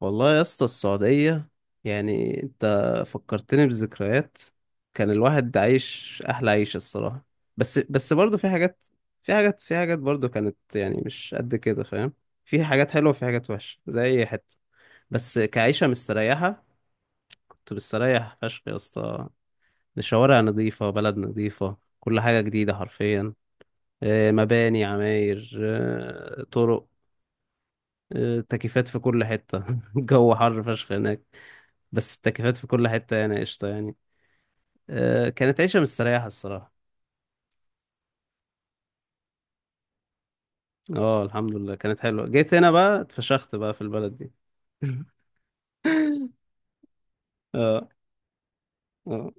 والله يا اسطى السعودية يعني انت فكرتني بذكريات. كان الواحد عايش احلى عيشة الصراحة. بس برضه في حاجات. في حاجات برضه كانت يعني مش قد كده فاهم. في حاجات حلوة وفي حاجات وحشة زي اي حتة، بس كعيشة مستريحة كنت مستريح فشخ يا اسطى. الشوارع نظيفة، بلد نظيفة، كل حاجة جديدة حرفيا. مباني، عماير، طرق، تكييفات في كل حتة. الجو حر فشخ هناك، بس التكييفات في كل حتة قشطة يعني. كانت عيشة مستريحة الصراحة. اه الحمد لله كانت حلوة. جيت هنا بقى اتفشخت بقى في البلد دي. اه. اه،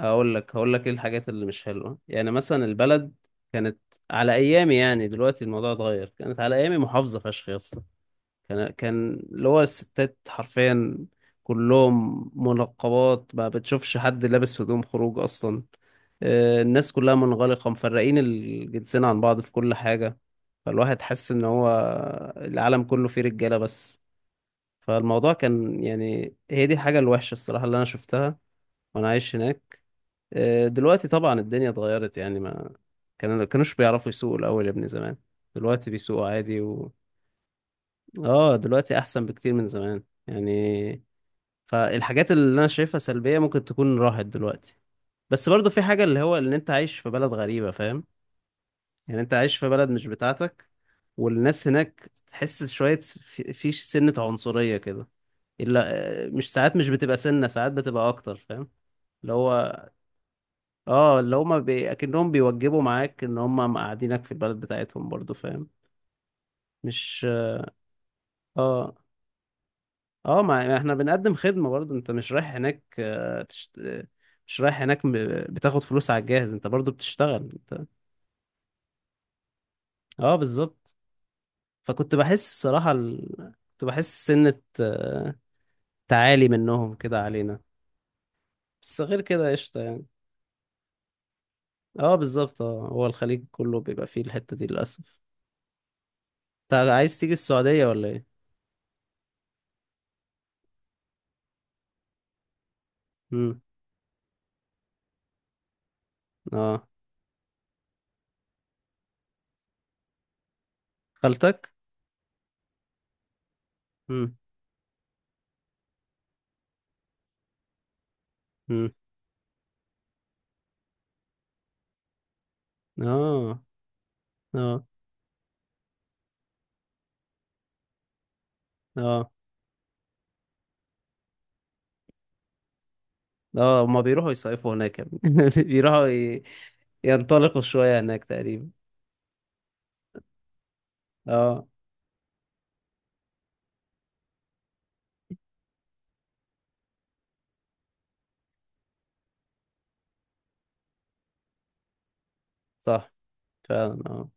هقول لك، ايه الحاجات اللي مش حلوة. يعني مثلا البلد كانت على ايامي، يعني دلوقتي الموضوع اتغير، كانت على ايامي محافظة فشخ يا اسطى. كان اللي هو الستات حرفيا كلهم منقبات، ما بتشوفش حد لابس هدوم خروج أصلا. الناس كلها منغلقة، مفرقين الجنسين عن بعض في كل حاجة. فالواحد حس إن هو العالم كله فيه رجالة بس. فالموضوع كان يعني هي دي الحاجة الوحشة الصراحة اللي أنا شفتها وأنا عايش هناك. دلوقتي طبعا الدنيا اتغيرت. يعني ما كانوش بيعرفوا يسوقوا الأول يا ابني زمان، دلوقتي بيسوقوا عادي. اه دلوقتي احسن بكتير من زمان يعني. فالحاجات اللي انا شايفها سلبية ممكن تكون راحت دلوقتي. بس برضو في حاجة اللي هو ان انت عايش في بلد غريبة فاهم. يعني انت عايش في بلد مش بتاعتك، والناس هناك تحس شوية في سنة عنصرية كده. الا مش ساعات، مش بتبقى سنة، ساعات بتبقى اكتر فاهم. اللي هو اه، اللي هما بي... اكنهم بيوجبوا معاك ان هما مقعدينك في البلد بتاعتهم برضو فاهم. مش اه. اه ما احنا بنقدم خدمة برضه. انت مش رايح هناك تشت... مش رايح هناك بتاخد فلوس على الجاهز، انت برضه بتشتغل انت. اه بالظبط. فكنت بحس الصراحة ال... كنت بحس سنة تعالي منهم كده علينا. بس غير كده قشطة يعني. اه بالظبط، اه هو الخليج كله بيبقى فيه الحتة دي للأسف. انت عايز تيجي السعودية ولا ايه؟ امم. اه. خالتك؟ امم. امم. اه. اه. اه. اه هما بيروحوا يصيفوا هناك يا ابني. بيروحوا ي... ينطلقوا شوية هناك تقريبا. اه. صح، فعلا اه.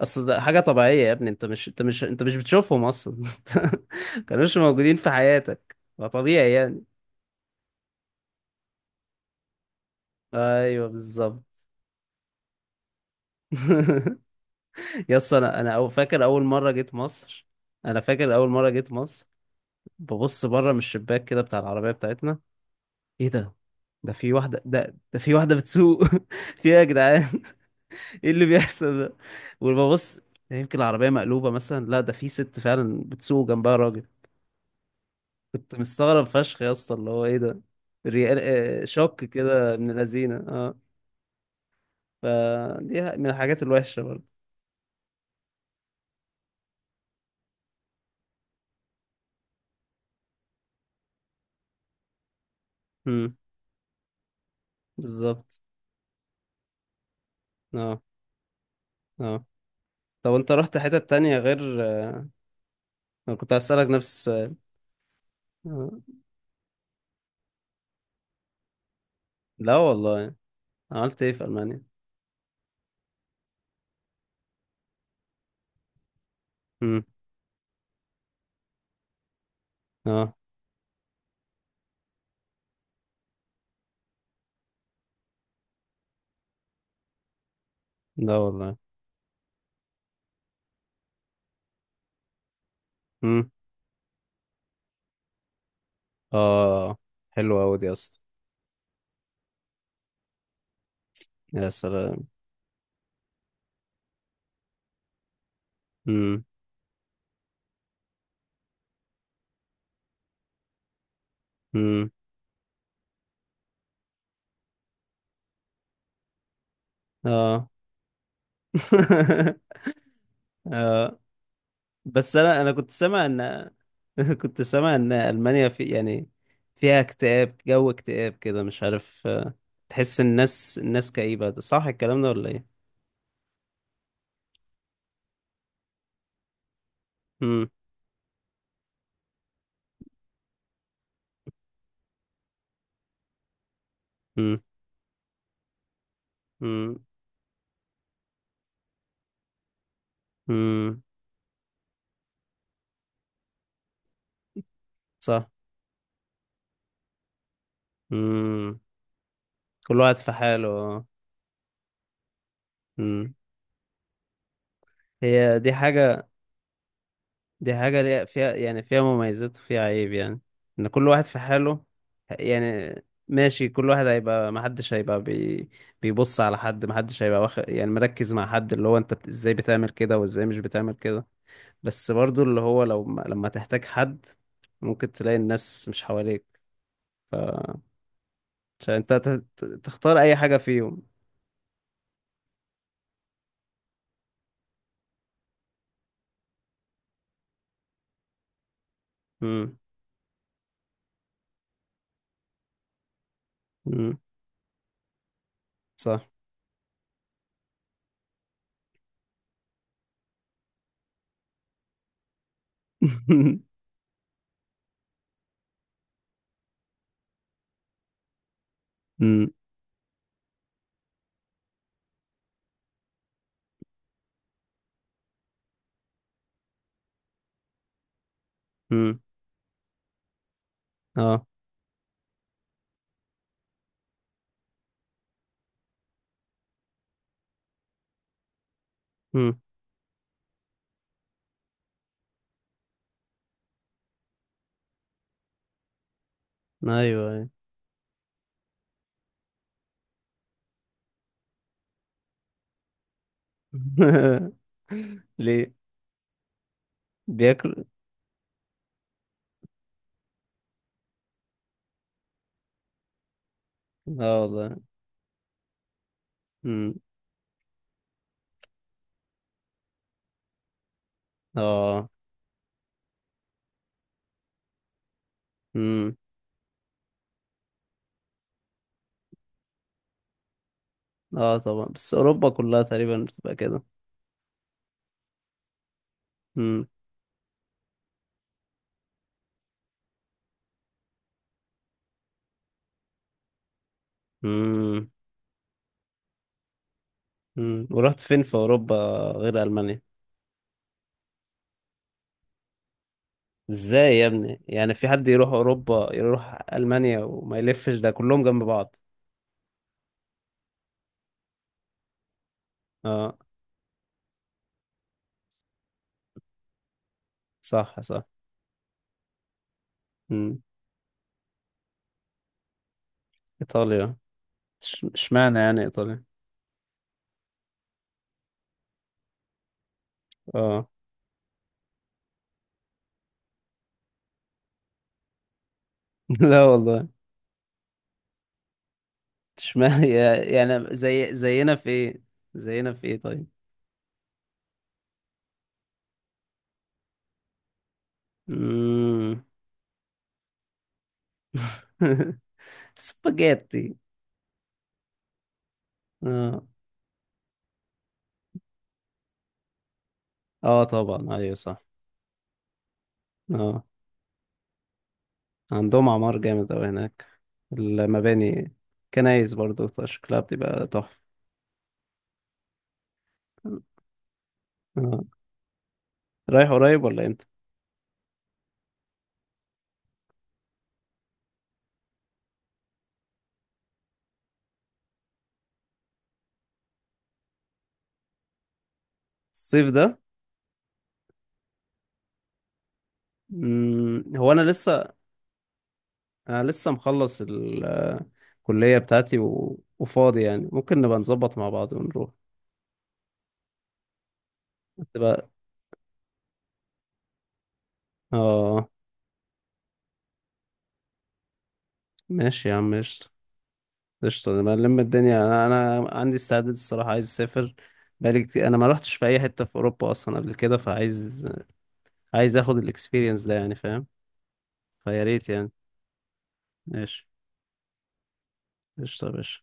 اصل ده حاجة طبيعية يا ابني. انت مش، انت مش بتشوفهم اصلا. ما كانوش موجودين في حياتك فطبيعي يعني. ايوه بالظبط. يا اسطى انا، فاكر اول مرة جيت مصر. انا فاكر اول مرة جيت مصر ببص بره من الشباك كده بتاع العربية بتاعتنا. ايه ده، ده في واحدة بتسوق. في ايه يا جدعان، ايه اللي بيحصل ده؟ وببص، يمكن العربية مقلوبة مثلا. لا ده في ست فعلا بتسوق جنبها راجل. كنت مستغرب فشخ يا اسطى اللي هو ايه ده؟ ريال. شوك كده من الذين اه. فدي من الحاجات الوحشة برضه. امم. بالظبط. اه. اه طب انت رحت حتة تانية غير انا كنت هسألك نفس السؤال؟ آه. لا والله، عملت ايه في ألمانيا؟ امم. اه. لا والله. امم. اه. حلوة أوي دي يا اسطى. يا سلام. امم. امم. اه. اه. بس انا، كنت سامع ان... كنت سامع ان المانيا في يعني فيها اكتئاب، جو اكتئاب كده مش عارف تحس الناس، الناس كئيبة، ده صح الكلام ده ولا ايه؟ امم. امم. امم. امم. صح. امم. كل واحد في حاله. امم. هي دي حاجة، دي حاجة ليها- فيها يعني، فيها مميزات وفيها عيب يعني، ان كل واحد في حاله يعني. ماشي كل واحد هيبقى، محدش هيبقى بي بيبص على حد، محدش هيبقى واخد يعني مركز مع حد اللي هو انت بت- ازاي بتعمل كده وازاي مش بتعمل كده. بس برضو اللي هو لو لما تحتاج حد ممكن تلاقي الناس مش حواليك ف... عشان انت تختار اي حاجة فيهم. امم. امم. صح. امم. امم. اه. امم. ايوه أيوة. ليه؟ بياكل. اه والله. امم. اه. امم. اه طبعا، بس اوروبا كلها تقريبا بتبقى كده. امم. امم. امم. ورحت فين في اوروبا غير المانيا؟ ازاي يا ابني يعني في حد يروح اوروبا يروح المانيا وما يلفش، ده كلهم جنب بعض. اه صح صح. امم. ايطاليا. إش- اشمعنى يعني ايطاليا؟ اه. لا والله، اشمعنى يعني؟ زي زينا في ايه؟ زينا في ايه طيب؟ امم. سباجيتي. اه. اه طبعا ايوه صح. اه عندهم اعمار جامد اوي هناك، المباني، كنايس برضو شكلها بتبقى تحفة. آه. رايح قريب ولا امتى؟ الصيف ده؟ مم. هو انا لسه، مخلص ال- الكلية بتاعتي و... وفاضي يعني ممكن نبقى نظبط مع بعض ونروح. تبقى اه. ماشي يا عم ماشي. قشطة. انا لما الدنيا، انا عندي استعداد الصراحة، عايز اسافر بقالي كتير. انا ما رحتش في اي حتة في اوروبا اصلا قبل كده، فعايز، عايز اخد الاكسبيرينس ده يعني فاهم. فيا ريت يعني. ماشي. قشطة يا باشا.